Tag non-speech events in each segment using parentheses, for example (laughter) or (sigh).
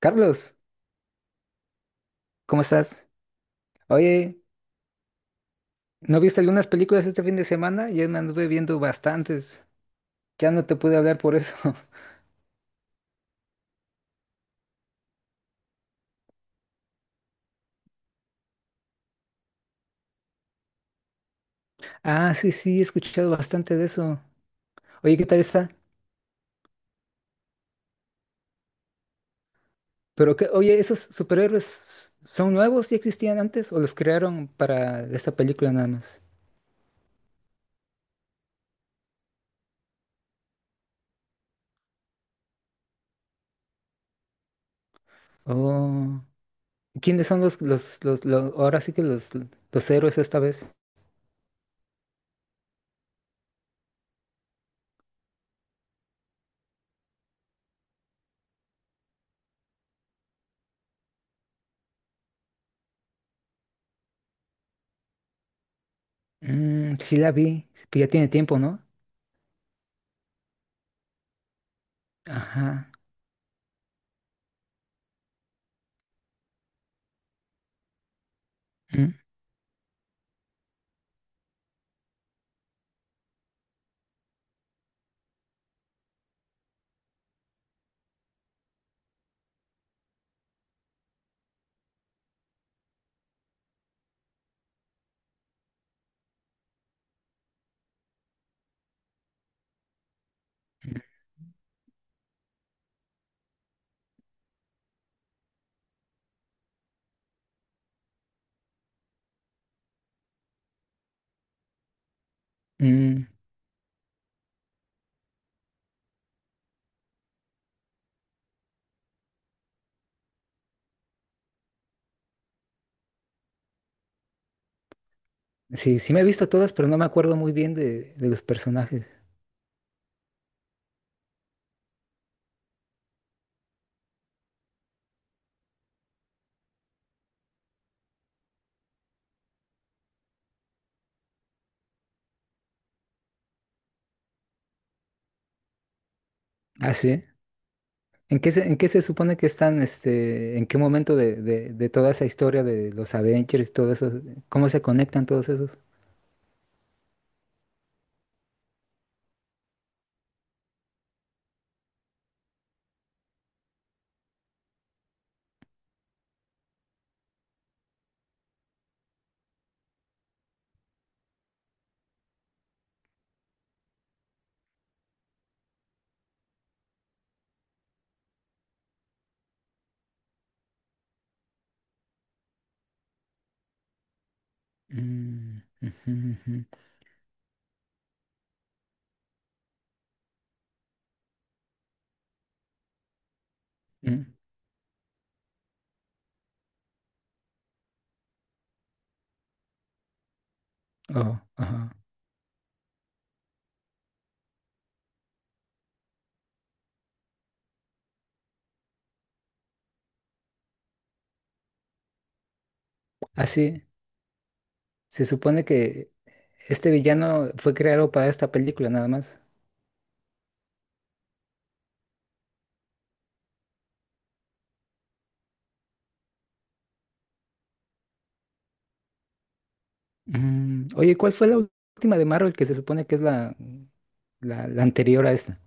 Carlos, ¿cómo estás? Oye, ¿no viste algunas películas este fin de semana? Yo me anduve viendo bastantes. Ya no te pude hablar por eso. (laughs) Ah, sí, sí, he escuchado bastante de eso. Oye, ¿qué tal está? Pero qué, oye, ¿esos superhéroes son nuevos? ¿Ya existían antes o los crearon para esta película nada más? Oh, ¿quiénes son ahora sí que los héroes esta vez? Sí la vi, pero ya tiene tiempo, ¿no? Ajá. Mm. Mm. Mm. Sí, sí me he visto todas, pero no me acuerdo muy bien de los personajes. Ah, sí. En qué se supone que están, este, en qué momento de toda esa historia de los Avengers, todo eso, cómo se conectan todos esos? Mm, ujú, ujú. mm, oh, ajá. Ah, sí. Se supone que este villano fue creado para esta película nada más. Oye, ¿cuál fue la última de Marvel que se supone que es la anterior a esta?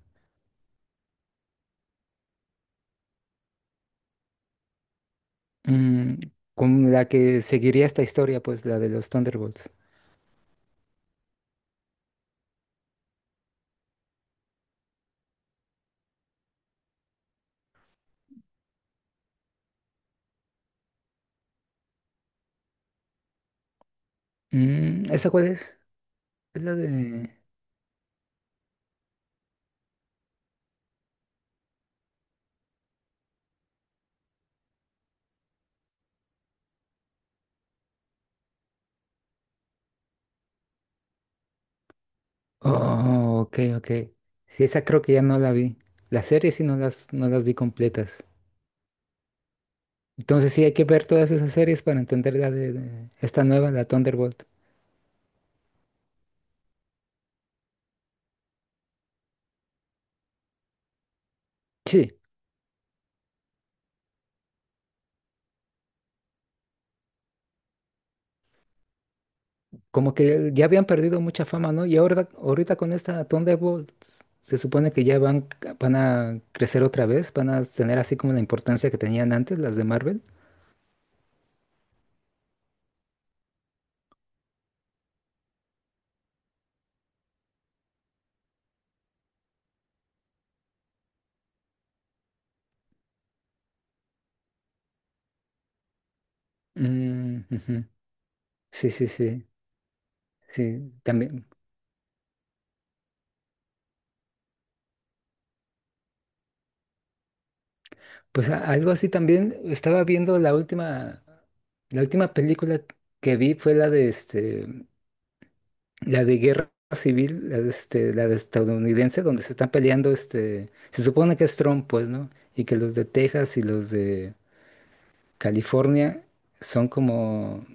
Mm, con la que seguiría esta historia, pues la de los Thunderbolts. Mm, ¿esa cuál es? Es la de... Oh, ok, ok. Sí, esa creo que ya no la vi. Las series sí no las vi completas. Entonces sí hay que ver todas esas series para entender la de esta nueva, la Thunderbolt. Sí, como que ya habían perdido mucha fama, ¿no? Y ahorita con esta Thunderbolt se supone que van a crecer otra vez, van a tener así como la importancia que tenían antes las de Marvel. Mm, ujú. Sí, sí, sí, sí, también. Pues algo así también estaba viendo la última película que vi fue la de la de Guerra Civil, la de la de estadounidense, donde se están peleando este, se supone que es Trump, pues, ¿no? Y que los de Texas y los de California son como,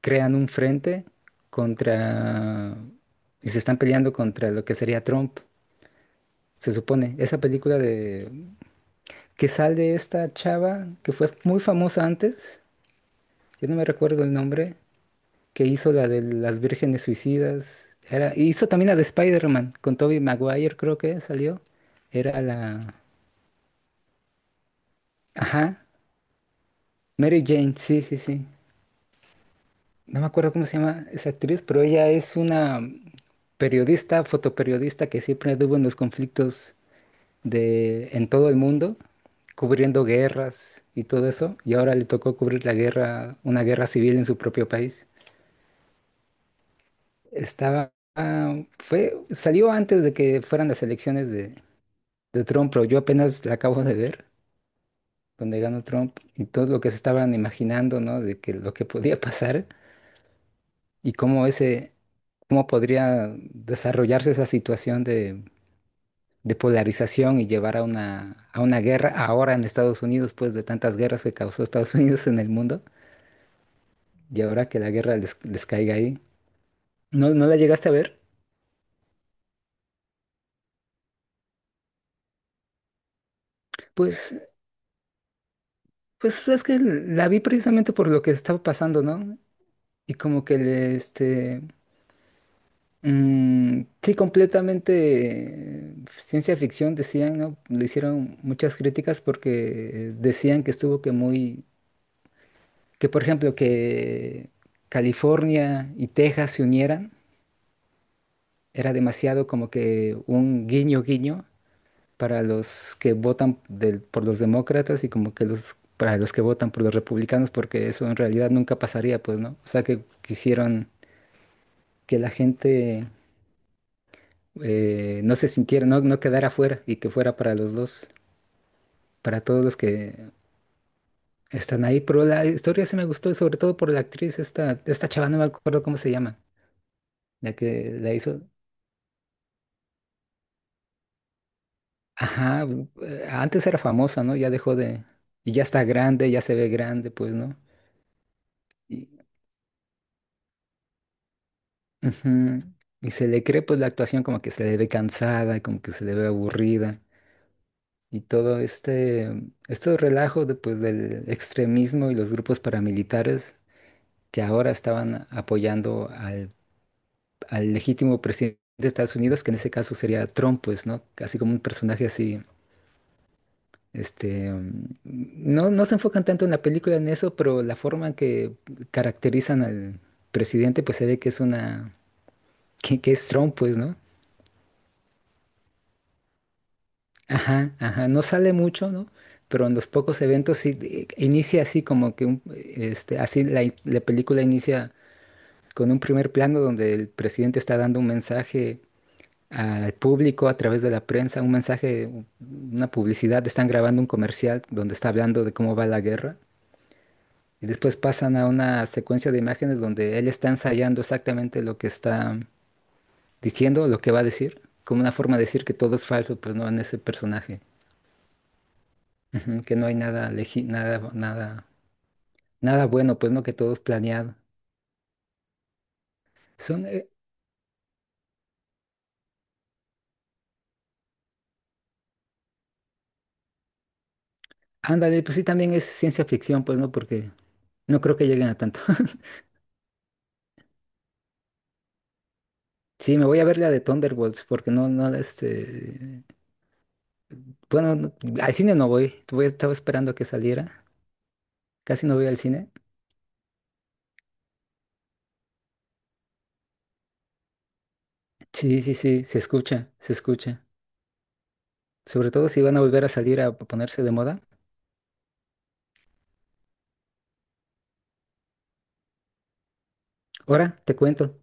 crean un frente contra, y se están peleando contra lo que sería Trump, se supone. Esa película que sale esta chava que fue muy famosa antes, yo no me recuerdo el nombre, que hizo la de las vírgenes suicidas, era, hizo también la de Spider-Man con Tobey Maguire, creo que salió, era la, ajá, Mary Jane, sí, sí, sí, no me acuerdo cómo se llama esa actriz, pero ella es una periodista, fotoperiodista que siempre anduvo en los conflictos de, en todo el mundo, cubriendo guerras y todo eso, y ahora le tocó cubrir la guerra, una guerra civil en su propio país. Estaba, ah, fue, salió antes de que fueran las elecciones de Trump, pero yo apenas la acabo de ver, donde ganó Trump, y todo lo que se estaban imaginando, ¿no? De que lo que podía pasar y cómo podría desarrollarse esa situación de polarización y llevar a a una guerra ahora en Estados Unidos, pues de tantas guerras que causó Estados (laughs) Unidos en el mundo, y ahora que la guerra les caiga ahí. ¿No, no la llegaste a ver? Pues Pues es que la vi precisamente por lo que estaba pasando, ¿no? Y como que le, este, mm, sí, completamente ciencia ficción decían, ¿no? Le hicieron muchas críticas porque decían que estuvo que por ejemplo que California y Texas se unieran, era demasiado como que un guiño guiño para los que votan por los demócratas y como que los para los que votan por los republicanos, porque eso en realidad nunca pasaría, pues, ¿no? O sea, que quisieron que la gente no se sintiera, no, no quedara fuera y que fuera para los dos, para todos los que están ahí. Pero la historia sí me gustó, y sobre todo por la actriz, esta chava, no me acuerdo cómo se llama, la que la hizo. Ajá, antes era famosa, ¿no? Ya dejó de... Y ya está grande, ya se ve grande, pues, ¿no? Ujú. Y se le cree pues la actuación como que se le ve cansada, como que se le ve aburrida. Y todo este relajo de, pues, del extremismo y los grupos paramilitares que ahora estaban apoyando al legítimo presidente de Estados Unidos, que en ese caso sería Trump, pues, ¿no? Casi como un personaje así, este, mm, no, no se enfocan tanto en la película en eso, pero la forma en que caracterizan al presidente, pues se ve que es una, que es Trump, pues, ¿no? Ajá, ajá, no sale mucho, ¿no? Pero en los pocos eventos sí inicia así como que un, este, así la película inicia con un primer plano donde el presidente está dando un mensaje al público a través de la prensa, un mensaje, una publicidad, están grabando un comercial donde está hablando de cómo va la guerra y después pasan a una secuencia de imágenes donde él está ensayando exactamente lo que está diciendo, lo que va a decir, como una forma de decir que todo es falso, pues no en ese personaje. Ujú, que no hay nada, nada, nada, nada bueno, pues no, que todo es planeado. Son, ándale, pues sí, también es ciencia ficción, pues no, porque no creo que lleguen a tanto. (laughs) Sí, me voy a ver la de Thunderbolts, porque este, bueno, al cine no voy, voy, estaba esperando que saliera, casi no voy al cine. Sí, sí, sí, se escucha, se escucha. Sobre todo si van a volver a salir a ponerse de moda. Ahora, te cuento,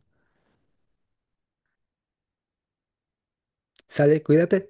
sale, cuídate.